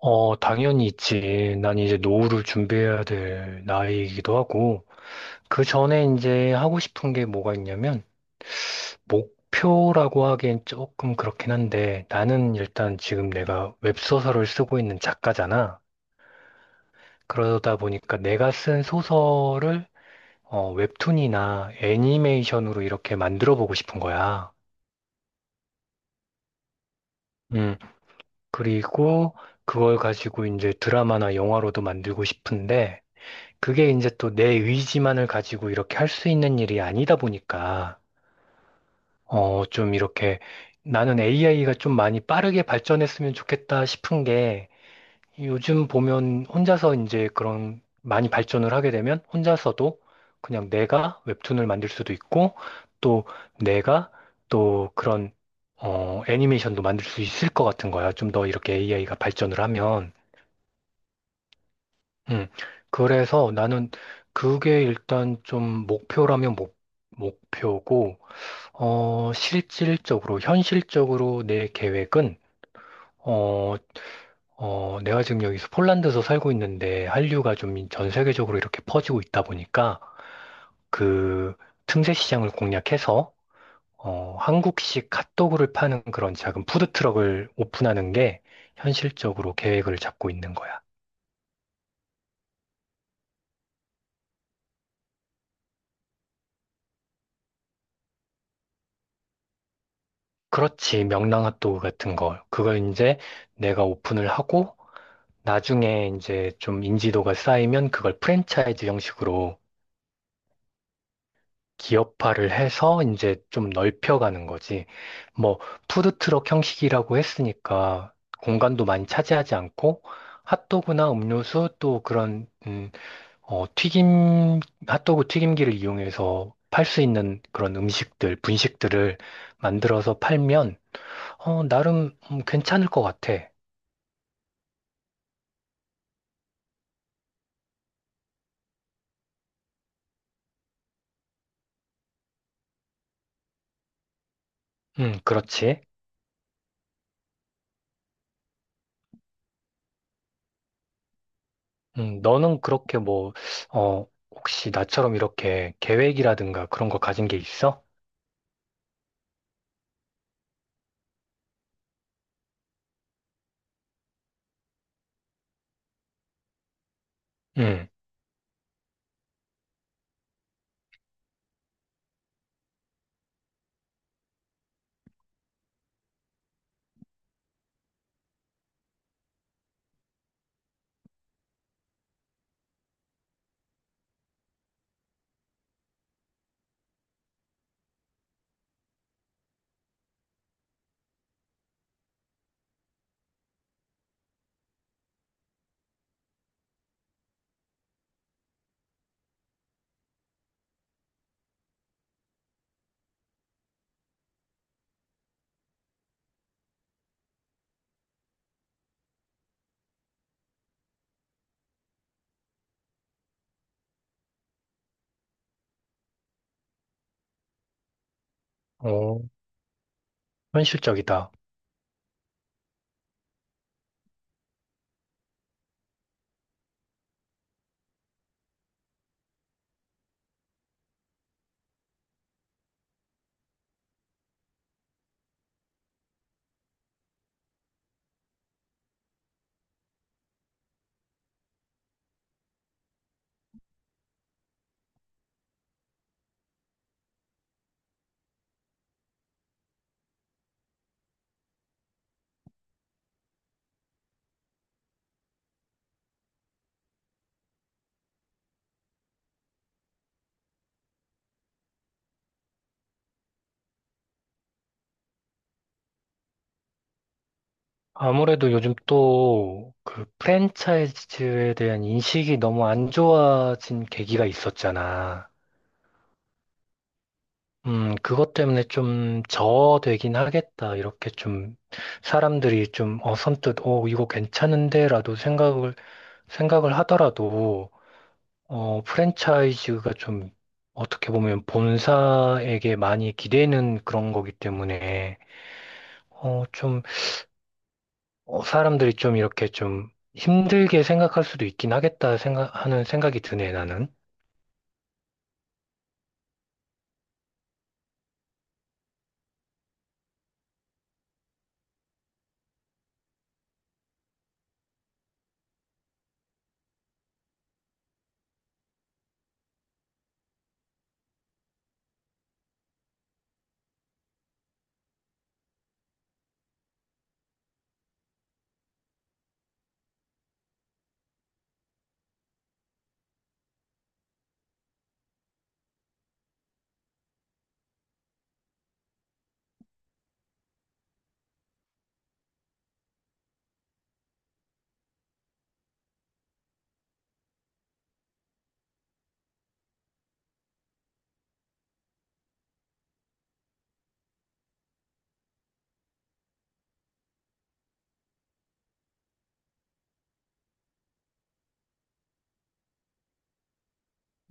당연히 있지. 난 이제 노후를 준비해야 될 나이이기도 하고, 그 전에 이제 하고 싶은 게 뭐가 있냐면, 목표라고 하기엔 조금 그렇긴 한데, 나는 일단 지금 내가 웹소설을 쓰고 있는 작가잖아. 그러다 보니까 내가 쓴 소설을 웹툰이나 애니메이션으로 이렇게 만들어 보고 싶은 거야. 음, 그리고 그걸 가지고 이제 드라마나 영화로도 만들고 싶은데, 그게 이제 또 내 의지만을 가지고 이렇게 할 수 있는 일이 아니다 보니까, 좀 이렇게 나는 AI가 좀 많이 빠르게 발전했으면 좋겠다 싶은 게 요즘 보면 혼자서 이제 그런 많이 발전을 하게 되면 혼자서도 그냥 내가 웹툰을 만들 수도 있고 또 내가 또 그런 애니메이션도 만들 수 있을 것 같은 거야. 좀 더 이렇게 AI가 발전을 하면. 음. 그래서 나는 그게 일단 좀 목표라면 목표고, 실질적으로, 현실적으로 내 계획은, 어, 내가 지금 여기서 폴란드에서 살고 있는데 한류가 좀 전 세계적으로 이렇게 퍼지고 있다 보니까 그 틈새 시장을 공략해서, 한국식 핫도그를 파는 그런 작은 푸드트럭을 오픈하는 게 현실적으로 계획을 잡고 있는 거야. 그렇지. 명랑핫도그 같은 거. 그걸 이제 내가 오픈을 하고 나중에 이제 좀 인지도가 쌓이면 그걸 프랜차이즈 형식으로 기업화를 해서 이제 좀 넓혀가는 거지. 뭐 푸드트럭 형식이라고 했으니까 공간도 많이 차지하지 않고 핫도그나 음료수 또 그런 튀김 핫도그 튀김기를 이용해서 팔 수 있는 그런 음식들, 분식들을 만들어서 팔면 나름 괜찮을 것 같아. 그렇지. 너는 그렇게 뭐, 혹시 나처럼 이렇게 계획이라든가 그런 거 가진 게 있어? 음, 어, 현실적이다. 아무래도 요즘 또 그 프랜차이즈에 대한 인식이 너무 안 좋아진 계기가 있었잖아. 그것 때문에 좀 저되긴 하겠다. 이렇게 좀 사람들이 좀 선뜻, 이거 괜찮은데라도 생각을 하더라도 프랜차이즈가 좀 어떻게 보면 본사에게 많이 기대는 그런 거기 때문에 좀 사람들이 좀 이렇게 좀 힘들게 생각할 수도 있긴 하겠다 하는 생각이 드네, 나는.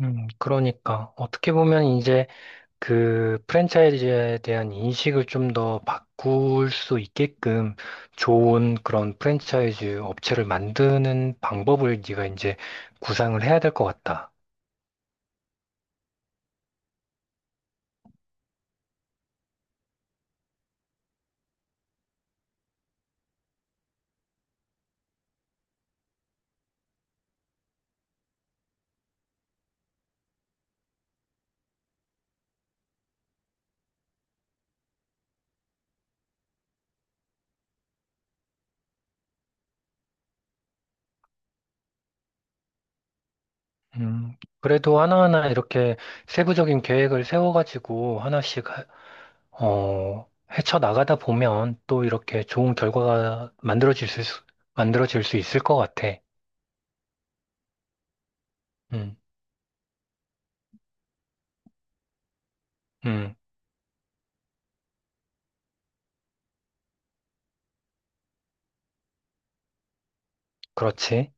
그러니까 어떻게 보면 이제 그 프랜차이즈에 대한 인식을 좀 더 바꿀 수 있게끔 좋은 그런 프랜차이즈 업체를 만드는 방법을 네가 이제 구상을 해야 될 것 같다. 음, 그래도 하나하나 이렇게 세부적인 계획을 세워가지고 헤쳐나가다 보면 또 이렇게 좋은 결과가 만들어질 수 있을 것 같아. 음, 음, 그렇지.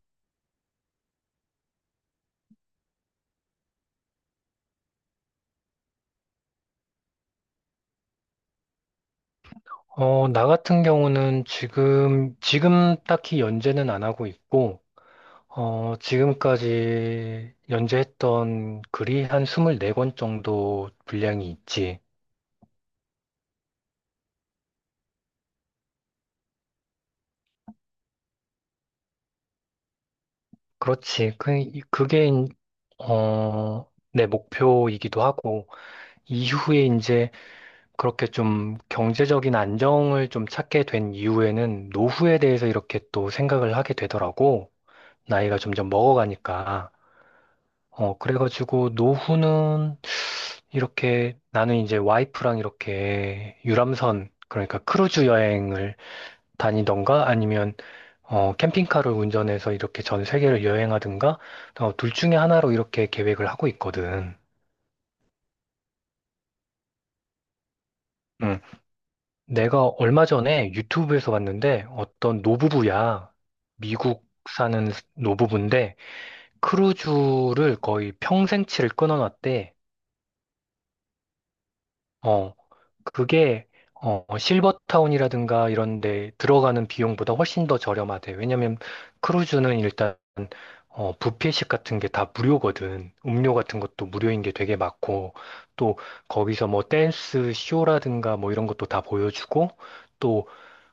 어, 나 같은 경우는 지금 딱히 연재는 안 하고 있고, 지금까지 연재했던 글이 한 24권 정도 분량이 있지. 그렇지. 그게, 인- 내 목표이기도 하고, 이후에 이제 그렇게 좀 경제적인 안정을 좀 찾게 된 이후에는 노후에 대해서 이렇게 또 생각을 하게 되더라고. 나이가 점점 먹어가니까. 어, 그래가지고 노후는 이렇게 나는 이제 와이프랑 이렇게 유람선, 그러니까 크루즈 여행을 다니던가 아니면 캠핑카를 운전해서 이렇게 전 세계를 여행하든가 둘 중에 하나로 이렇게 계획을 하고 있거든. 음. 내가 얼마 전에 유튜브에서 봤는데 어떤 노부부야. 미국 사는 노부부인데 크루즈를 거의 평생치를 끊어놨대. 어, 그게 실버타운이라든가 이런 데 들어가는 비용보다 훨씬 더 저렴하대. 왜냐면 크루즈는 일단 뷔페식 같은 게 다 무료거든. 음료 같은 것도 무료인 게 되게 많고, 또 거기서 뭐 댄스 쇼라든가 뭐 이런 것도 다 보여주고, 또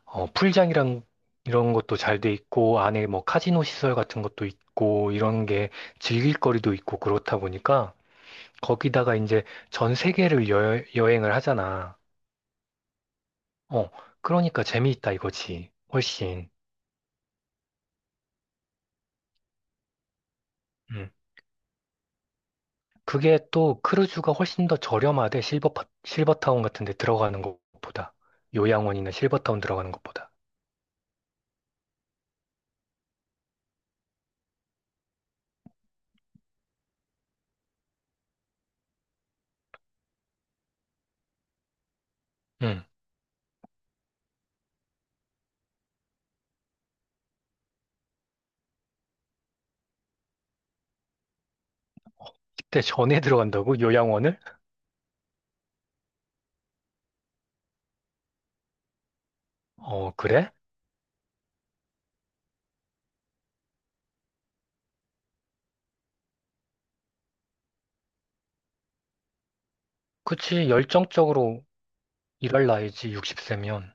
풀장이랑 이런 것도 잘 돼 있고, 안에 뭐 카지노 시설 같은 것도 있고, 이런 게 즐길 거리도 있고 그렇다 보니까, 거기다가 이제 전 세계를 여행을 하잖아. 어, 그러니까 재미있다 이거지. 훨씬. 음. 그게 또 크루즈가 훨씬 더 저렴하대, 실버타운 같은 데 들어가는 것보다. 요양원이나 실버타운 들어가는 것보다. 응. 그때 전에 들어간다고? 요양원을? 어, 그래? 그치, 열정적으로 일할 나이지, 60세면.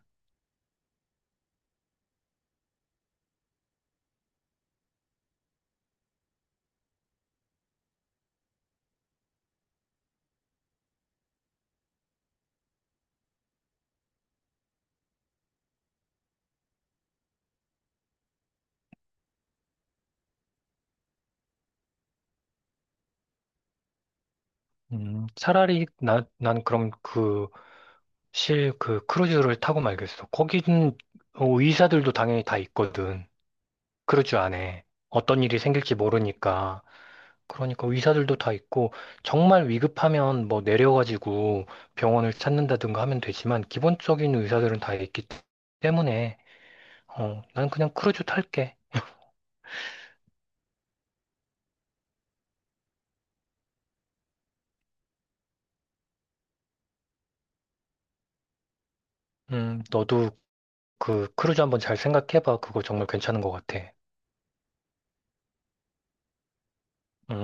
차라리, 난 그럼 그 크루즈를 타고 말겠어. 거기는 의사들도 당연히 다 있거든. 크루즈 안에. 어떤 일이 생길지 모르니까. 그러니까 의사들도 다 있고 정말 위급하면 뭐 내려가지고 병원을 찾는다든가 하면 되지만 기본적인 의사들은 다 있기 때문에 난 그냥 크루즈 탈게. 너도 그 크루즈 한번 잘 생각해봐. 그거 정말 괜찮은 것 같아. 음.